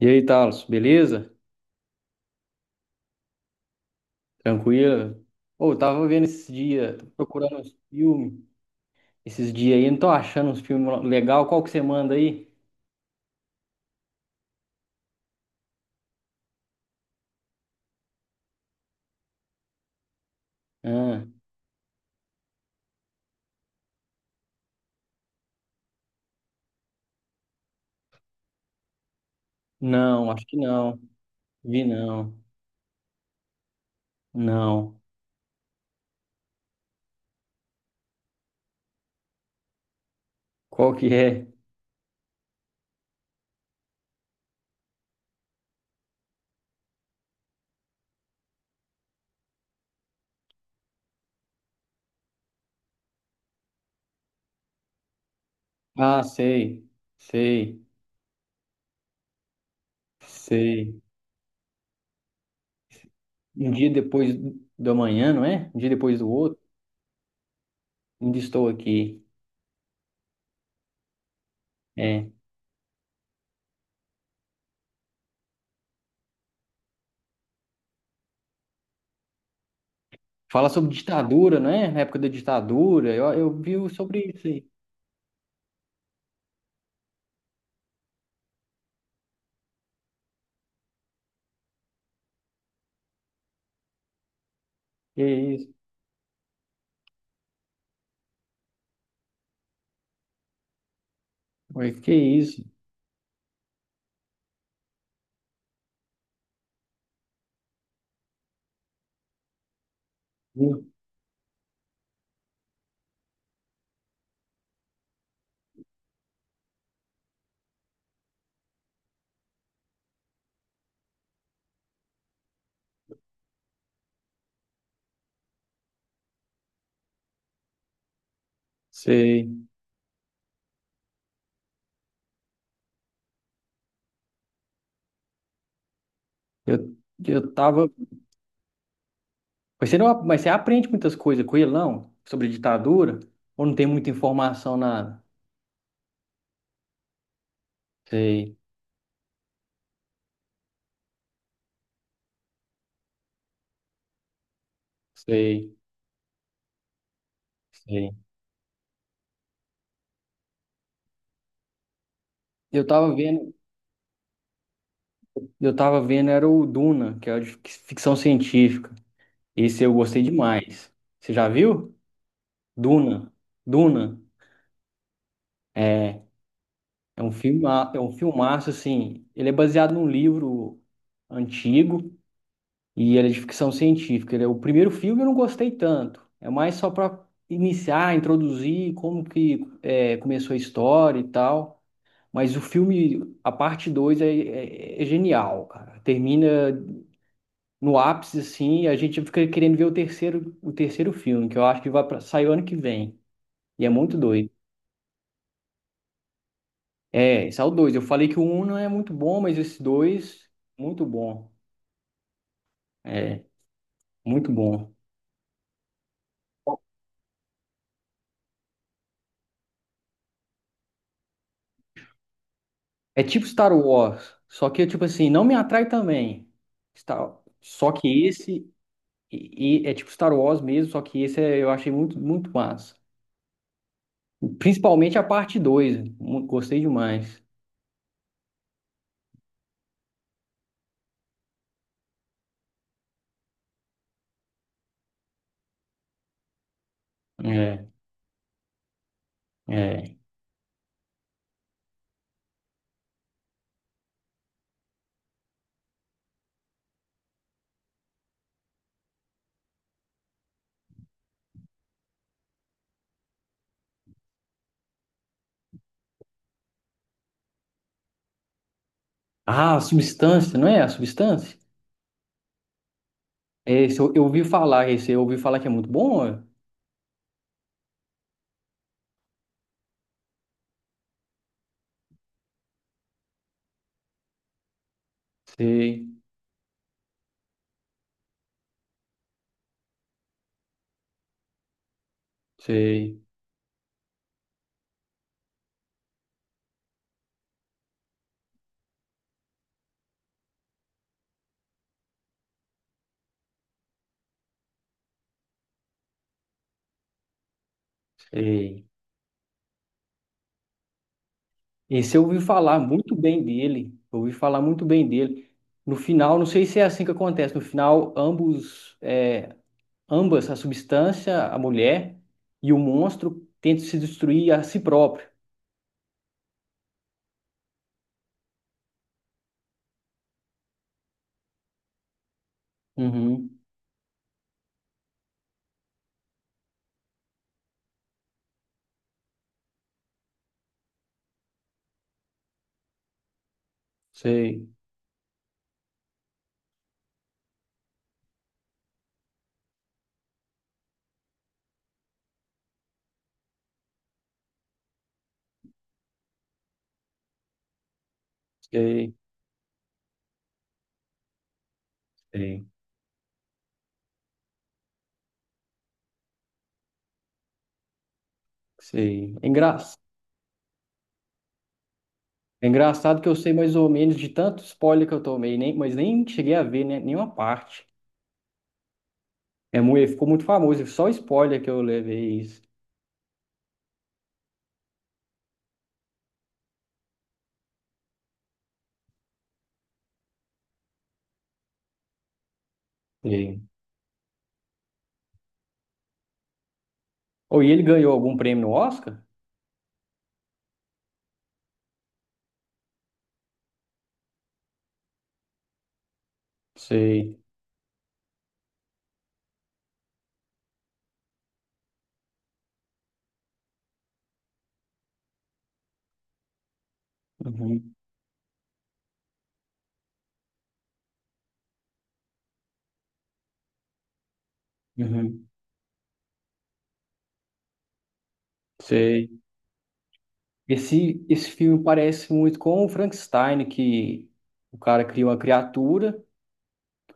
E aí, Talos, beleza? Tranquilo? Ô, eu tava vendo esses dias, tô procurando uns filmes esses dias aí, não tô achando uns filmes legal. Qual que você manda aí? Ah, não, acho que não. Vi não. Não. Qual que é? Ah, sei. Sei. Sei. Um dia depois do amanhã, não é? Um dia depois do outro. Ainda estou aqui. É. Fala sobre ditadura, não é? Na época da ditadura. Eu vi sobre isso aí. Que isso? Ué, que isso? Hum. Sei. Eu, eu tava. Mas você não, mas você aprende muitas coisas com ele, não? Sobre ditadura? Ou não tem muita informação, nada? Sei, sei, sei. Eu tava vendo, eu tava vendo, era o Duna, que é de ficção científica. Esse eu gostei demais. Você já viu? Duna. Duna. É, é um filme, é um filmaço, assim. Ele é baseado num livro antigo. E ele é de ficção científica. Ele é o primeiro filme eu não gostei tanto. É mais só para iniciar, introduzir como que é, começou a história e tal. Mas o filme, a parte 2 é, é genial, cara. Termina no ápice assim, e a gente fica querendo ver o terceiro filme, que eu acho que vai pra, sair o ano que vem. E é muito doido. É, esse é o 2. Eu falei que o um não é muito bom, mas esse 2 muito bom. É, muito bom. É tipo Star Wars, só que tipo assim, não me atrai também. Star... Só que esse e é tipo Star Wars mesmo, só que esse eu achei muito, muito massa. Principalmente a parte 2, gostei demais. É, é. Ah, a substância, não é? A substância? É, esse eu ouvi falar, esse eu ouvi falar que é muito bom, ó. Sei, sei, sei. Esse eu ouvi falar muito bem dele. Eu ouvi falar muito bem dele. No final, não sei se é assim que acontece. No final, ambos é, ambas, a substância, a mulher e o monstro, tentam se destruir a si próprio. Uhum. Sei, sei, sei, sei. É engraçado que eu sei mais ou menos de tanto spoiler que eu tomei, nem, mas nem cheguei a ver né, nenhuma parte. É, ficou muito famoso, só spoiler que eu levei isso. Sei. Oh, e ele ganhou algum prêmio no Oscar? Sei. Uhum, uhum, sei. Esse filme parece muito com o Frankenstein, que o cara cria uma criatura.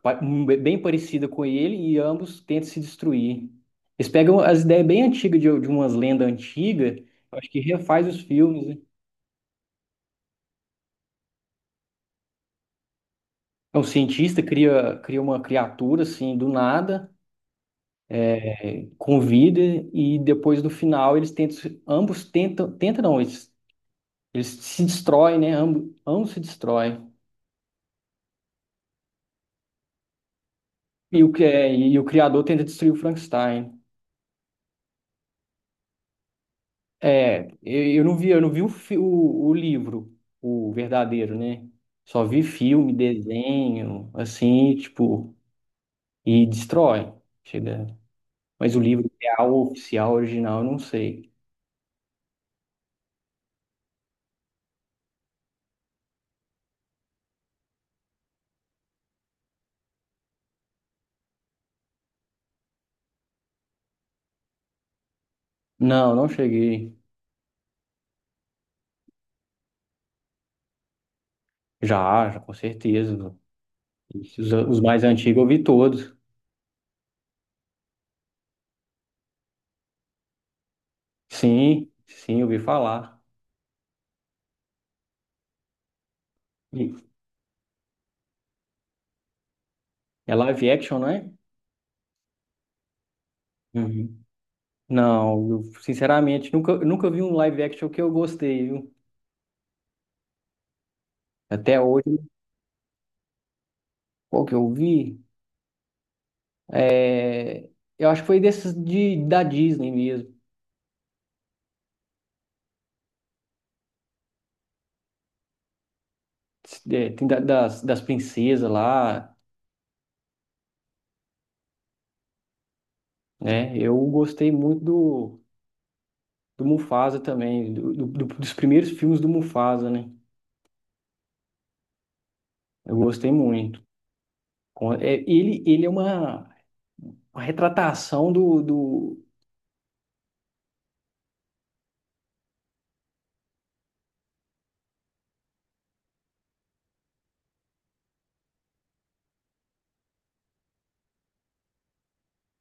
Um bem parecida com ele e ambos tentam se destruir. Eles pegam as ideias bem antigas de umas lendas antigas, eu acho que refaz os filmes, né? É um cientista, cria, cria uma criatura assim do nada, é, com vida, e depois no final eles tentam, ambos tentam, tentam não, eles se destroem, né? Ambos, ambos se destroem. E o, e o criador tenta destruir o Frankenstein. É, eu não vi o, o livro, o verdadeiro, né? Só vi filme, desenho, assim, tipo, e destrói. Chega. Mas o livro real, oficial, original, eu não sei. Não, não cheguei. Já, já, com certeza. Os mais antigos eu vi todos. Sim, sim, eu vi falar. E é live action, não é? Uhum. Não, eu, sinceramente, nunca, nunca vi um live action que eu gostei, viu? Até hoje, qual que eu vi? É, eu acho que foi desses de, da Disney mesmo. É, tem das, das princesas lá, né? Eu gostei muito do, do Mufasa também, do, dos primeiros filmes do Mufasa, né? Eu gostei muito. É, ele é uma retratação do, do...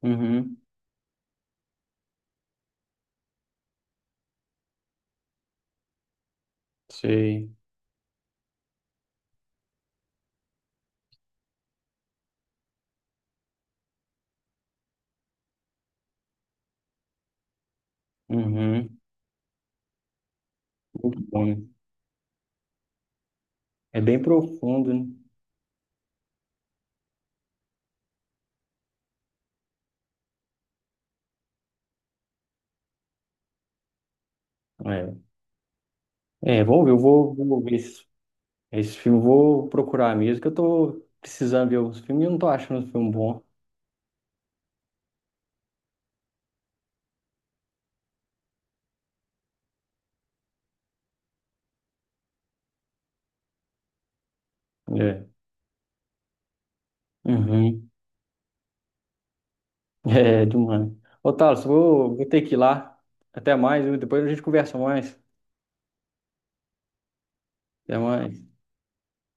Uhum, sei. Uhum, muito bom, né? É bem profundo, né? É, é vamos ver, eu vou, vou ver esse, esse filme, vou procurar mesmo, que eu tô precisando ver os filmes e eu não tô achando um filme bom. É. Uhum. É, demais. Ô, Thales, vou, vou ter que ir lá. Até mais, viu? Depois a gente conversa mais. Até mais.